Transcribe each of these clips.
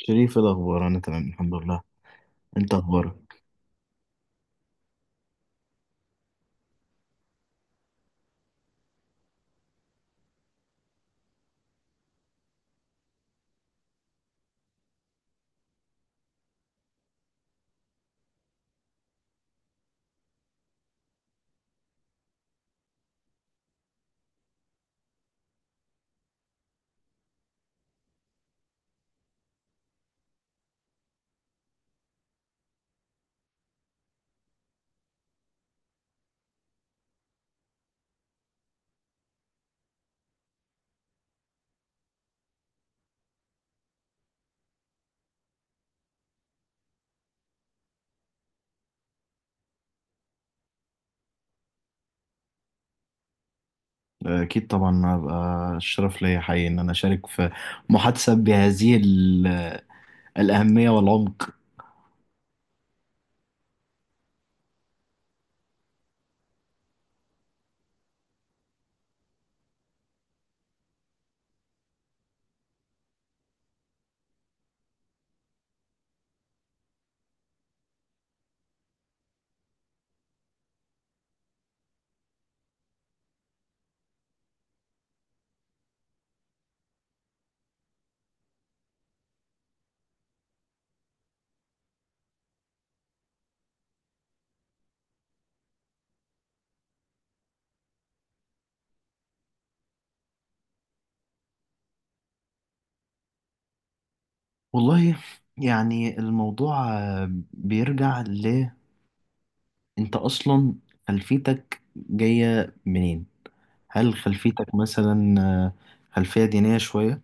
شريف، إيه الأخبار؟ أنا تمام الحمد لله. أنت أخبارك؟ أكيد طبعا، هبقى الشرف ليا حقيقي إن أنا أشارك في محادثة بهذه الأهمية والعمق. والله يعني الموضوع بيرجع ل، أنت أصلا خلفيتك جاية منين؟ هل خلفيتك مثلا خلفية دينية شوية؟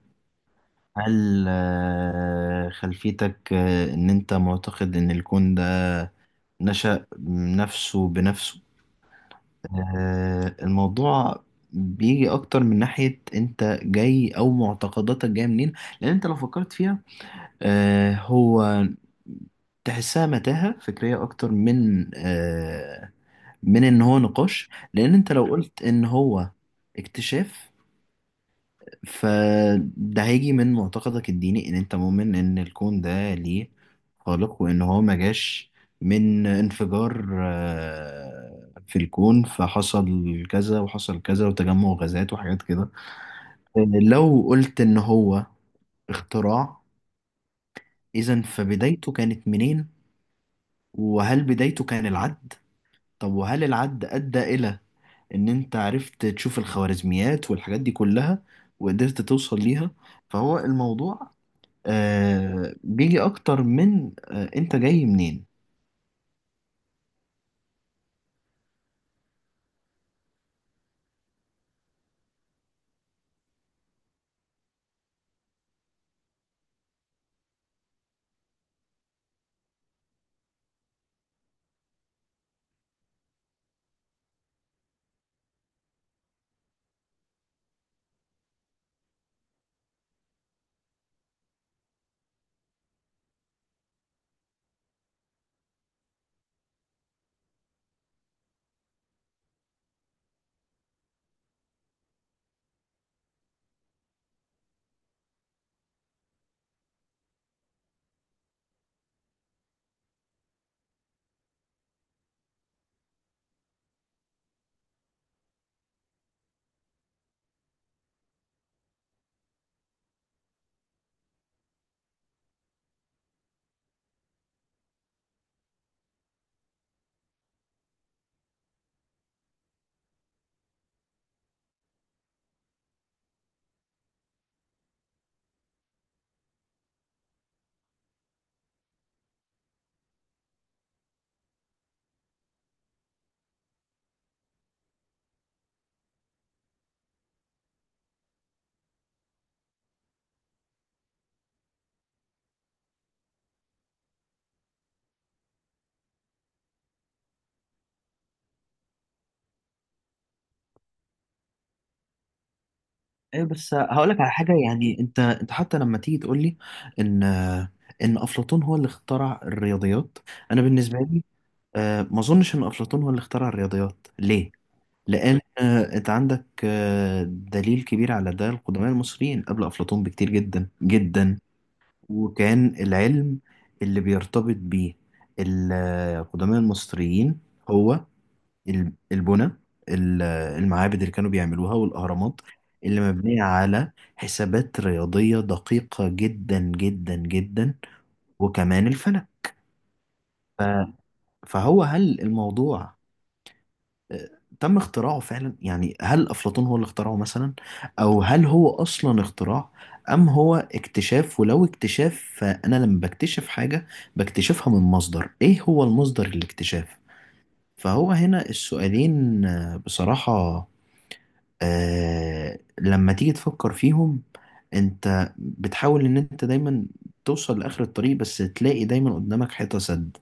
هل خلفيتك إن أنت معتقد إن الكون ده نشأ نفسه بنفسه؟ الموضوع بيجي اكتر من ناحية انت جاي او معتقداتك جاية منين، لان انت لو فكرت فيها هو تحسها متاهة فكرية اكتر من من ان هو نقاش. لان انت لو قلت ان هو اكتشاف، فده هيجي من معتقدك الديني ان انت مؤمن ان الكون ده ليه خالق، وان هو ما جاش من انفجار في الكون فحصل كذا وحصل كذا وتجمع غازات وحاجات كده. آه، لو قلت ان هو اختراع، اذا فبدايته كانت منين؟ وهل بدايته كان العد؟ طب وهل العد ادى الى ان انت عرفت تشوف الخوارزميات والحاجات دي كلها وقدرت توصل ليها؟ فهو الموضوع بيجي اكتر من انت جاي منين. ايوه بس هقول لك على حاجه، يعني انت حتى لما تيجي تقول لي ان ان افلاطون هو اللي اخترع الرياضيات، انا بالنسبه لي ما اظنش ان افلاطون هو اللي اخترع الرياضيات. ليه؟ لان انت عندك دليل كبير على ده، القدماء المصريين قبل افلاطون بكتير جدا جدا. وكان العلم اللي بيرتبط بيه القدماء المصريين هو البنى، ال- المعابد اللي كانوا بيعملوها والأهرامات اللي مبنية على حسابات رياضية دقيقة جدا جدا جدا، وكمان الفلك. ف- فهو هل الموضوع آه، تم اختراعه فعلا؟ يعني هل أفلاطون هو اللي اخترعه مثلا، أو هل هو أصلا اختراع أم هو اكتشاف؟ ولو اكتشاف فأنا لما بكتشف حاجة بكتشفها من مصدر، إيه هو المصدر الاكتشاف؟ فهو هنا السؤالين بصراحة لما تيجي تفكر فيهم، انت بتحاول ان انت دايما توصل لاخر الطريق بس تلاقي دايما قدامك حيطة سد.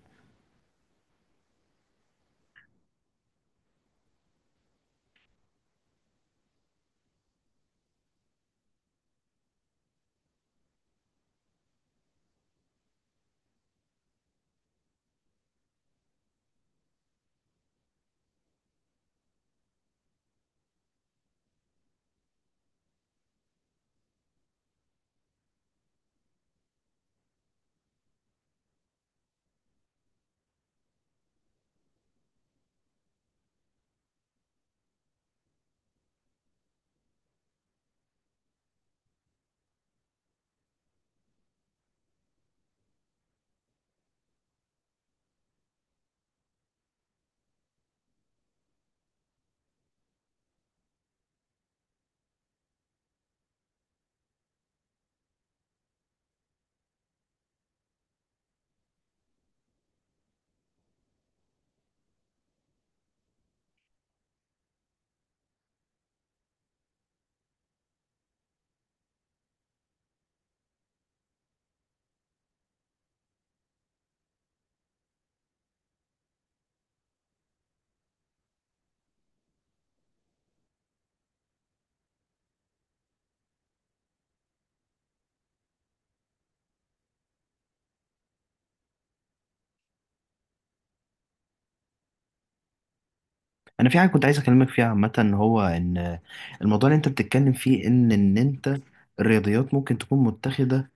انا في حاجة كنت عايز اكلمك فيها عامة، هو ان الموضوع اللي انت بتتكلم فيه ان انت الرياضيات ممكن تكون متخذة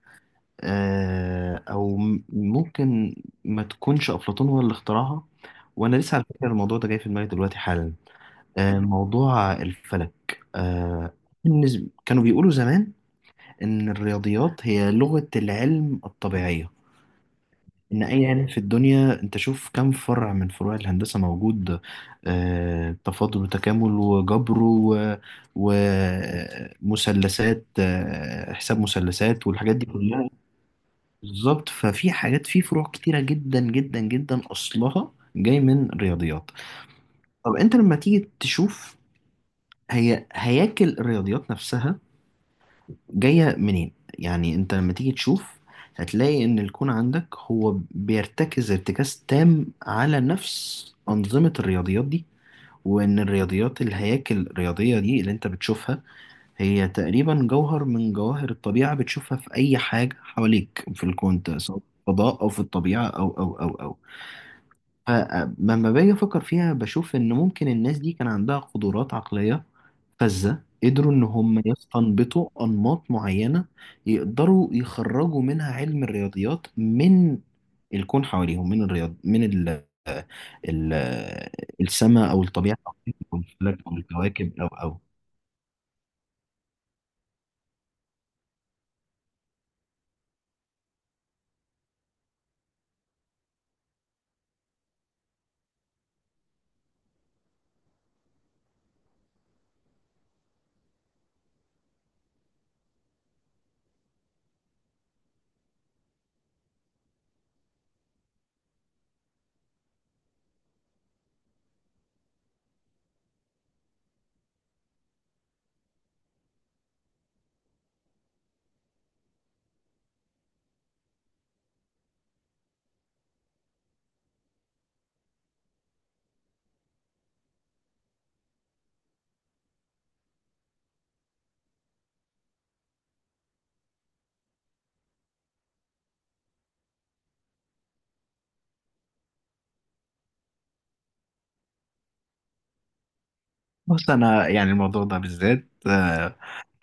او ممكن ما تكونش افلاطون هو اللي اخترعها. وانا لسه على فكرة الموضوع ده جاي في دماغي دلوقتي حالا، موضوع الفلك. كانوا بيقولوا زمان إن الرياضيات هي لغة العلم الطبيعية. إن أي علم في الدنيا، أنت شوف كم فرع من فروع الهندسة موجود، تفاضل وتكامل وجبر ومثلثات، حساب مثلثات والحاجات دي كلها. بالظبط، ففي حاجات في فروع كتيرة جدا جدا جدا أصلها جاي من الرياضيات. طب أنت لما تيجي تشوف هي هياكل الرياضيات نفسها جاية منين؟ يعني انت لما تيجي تشوف هتلاقي ان الكون عندك هو بيرتكز ارتكاز تام على نفس أنظمة الرياضيات دي، وان الرياضيات الهياكل الرياضية دي اللي انت بتشوفها هي تقريبا جوهر من جواهر الطبيعة، بتشوفها في اي حاجة حواليك في الكون ده، سواء في الفضاء او في الطبيعة او او. فلما باجي افكر فيها بشوف ان ممكن الناس دي كان عندها قدرات عقلية فذة، قدروا إن هم يستنبطوا أنماط معينة يقدروا يخرجوا منها علم الرياضيات من الكون حواليهم، من الرياض من ال ال السماء أو الطبيعة أو الفلك أو الكواكب أو. بص أنا يعني الموضوع ده بالذات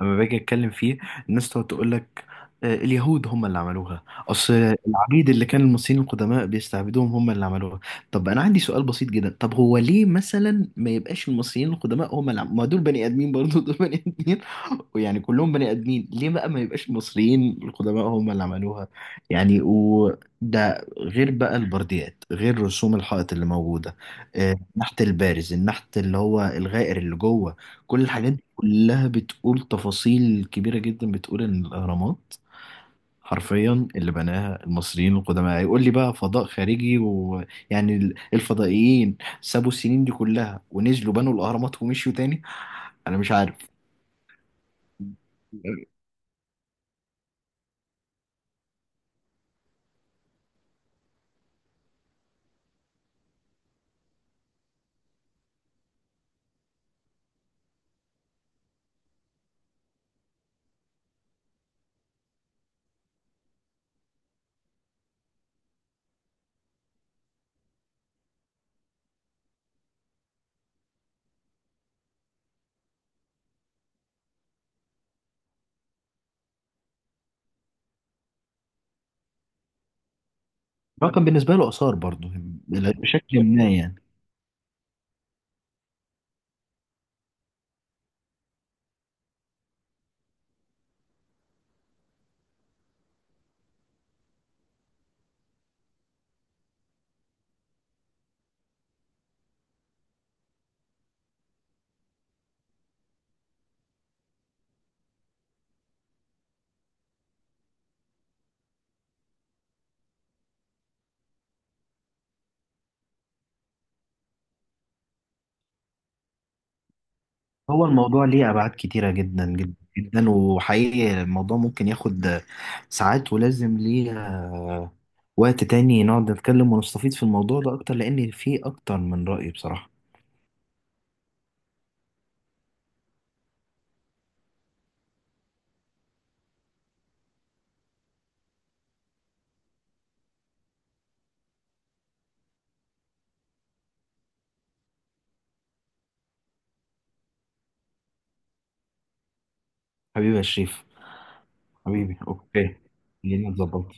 لما باجي اتكلم فيه الناس تقعد تقول لك اليهود هم اللي عملوها، اصل العبيد اللي كان المصريين القدماء بيستعبدوهم هم اللي عملوها. طب انا عندي سؤال بسيط جدا، طب هو ليه مثلا ما يبقاش المصريين القدماء هم اللي ما دول بني ادمين برضه، دول بني ادمين ويعني كلهم بني ادمين، ليه بقى ما يبقاش المصريين القدماء هم اللي عملوها؟ يعني وده غير بقى البرديات، غير رسوم الحائط اللي موجوده، النحت البارز، النحت اللي هو الغائر اللي جوه. كل الحاجات كلها بتقول تفاصيل كبيرة جدا بتقول إن الأهرامات حرفيا اللي بناها المصريين القدماء. هيقول لي بقى فضاء خارجي ويعني الفضائيين سابوا السنين دي كلها ونزلوا بنوا الأهرامات ومشيوا تاني؟ أنا مش عارف. رقم بالنسبة له آثار برضه، بشكل ما يعني. هو الموضوع ليه أبعاد كتيرة جدا جدا جدا، وحقيقي الموضوع ممكن ياخد ساعات ولازم ليه وقت تاني نقعد نتكلم ونستفيد في الموضوع ده أكتر، لأن فيه أكتر من رأي بصراحة. حبيبي يا شريف. حبيبي أوكي، خلينا نظبط.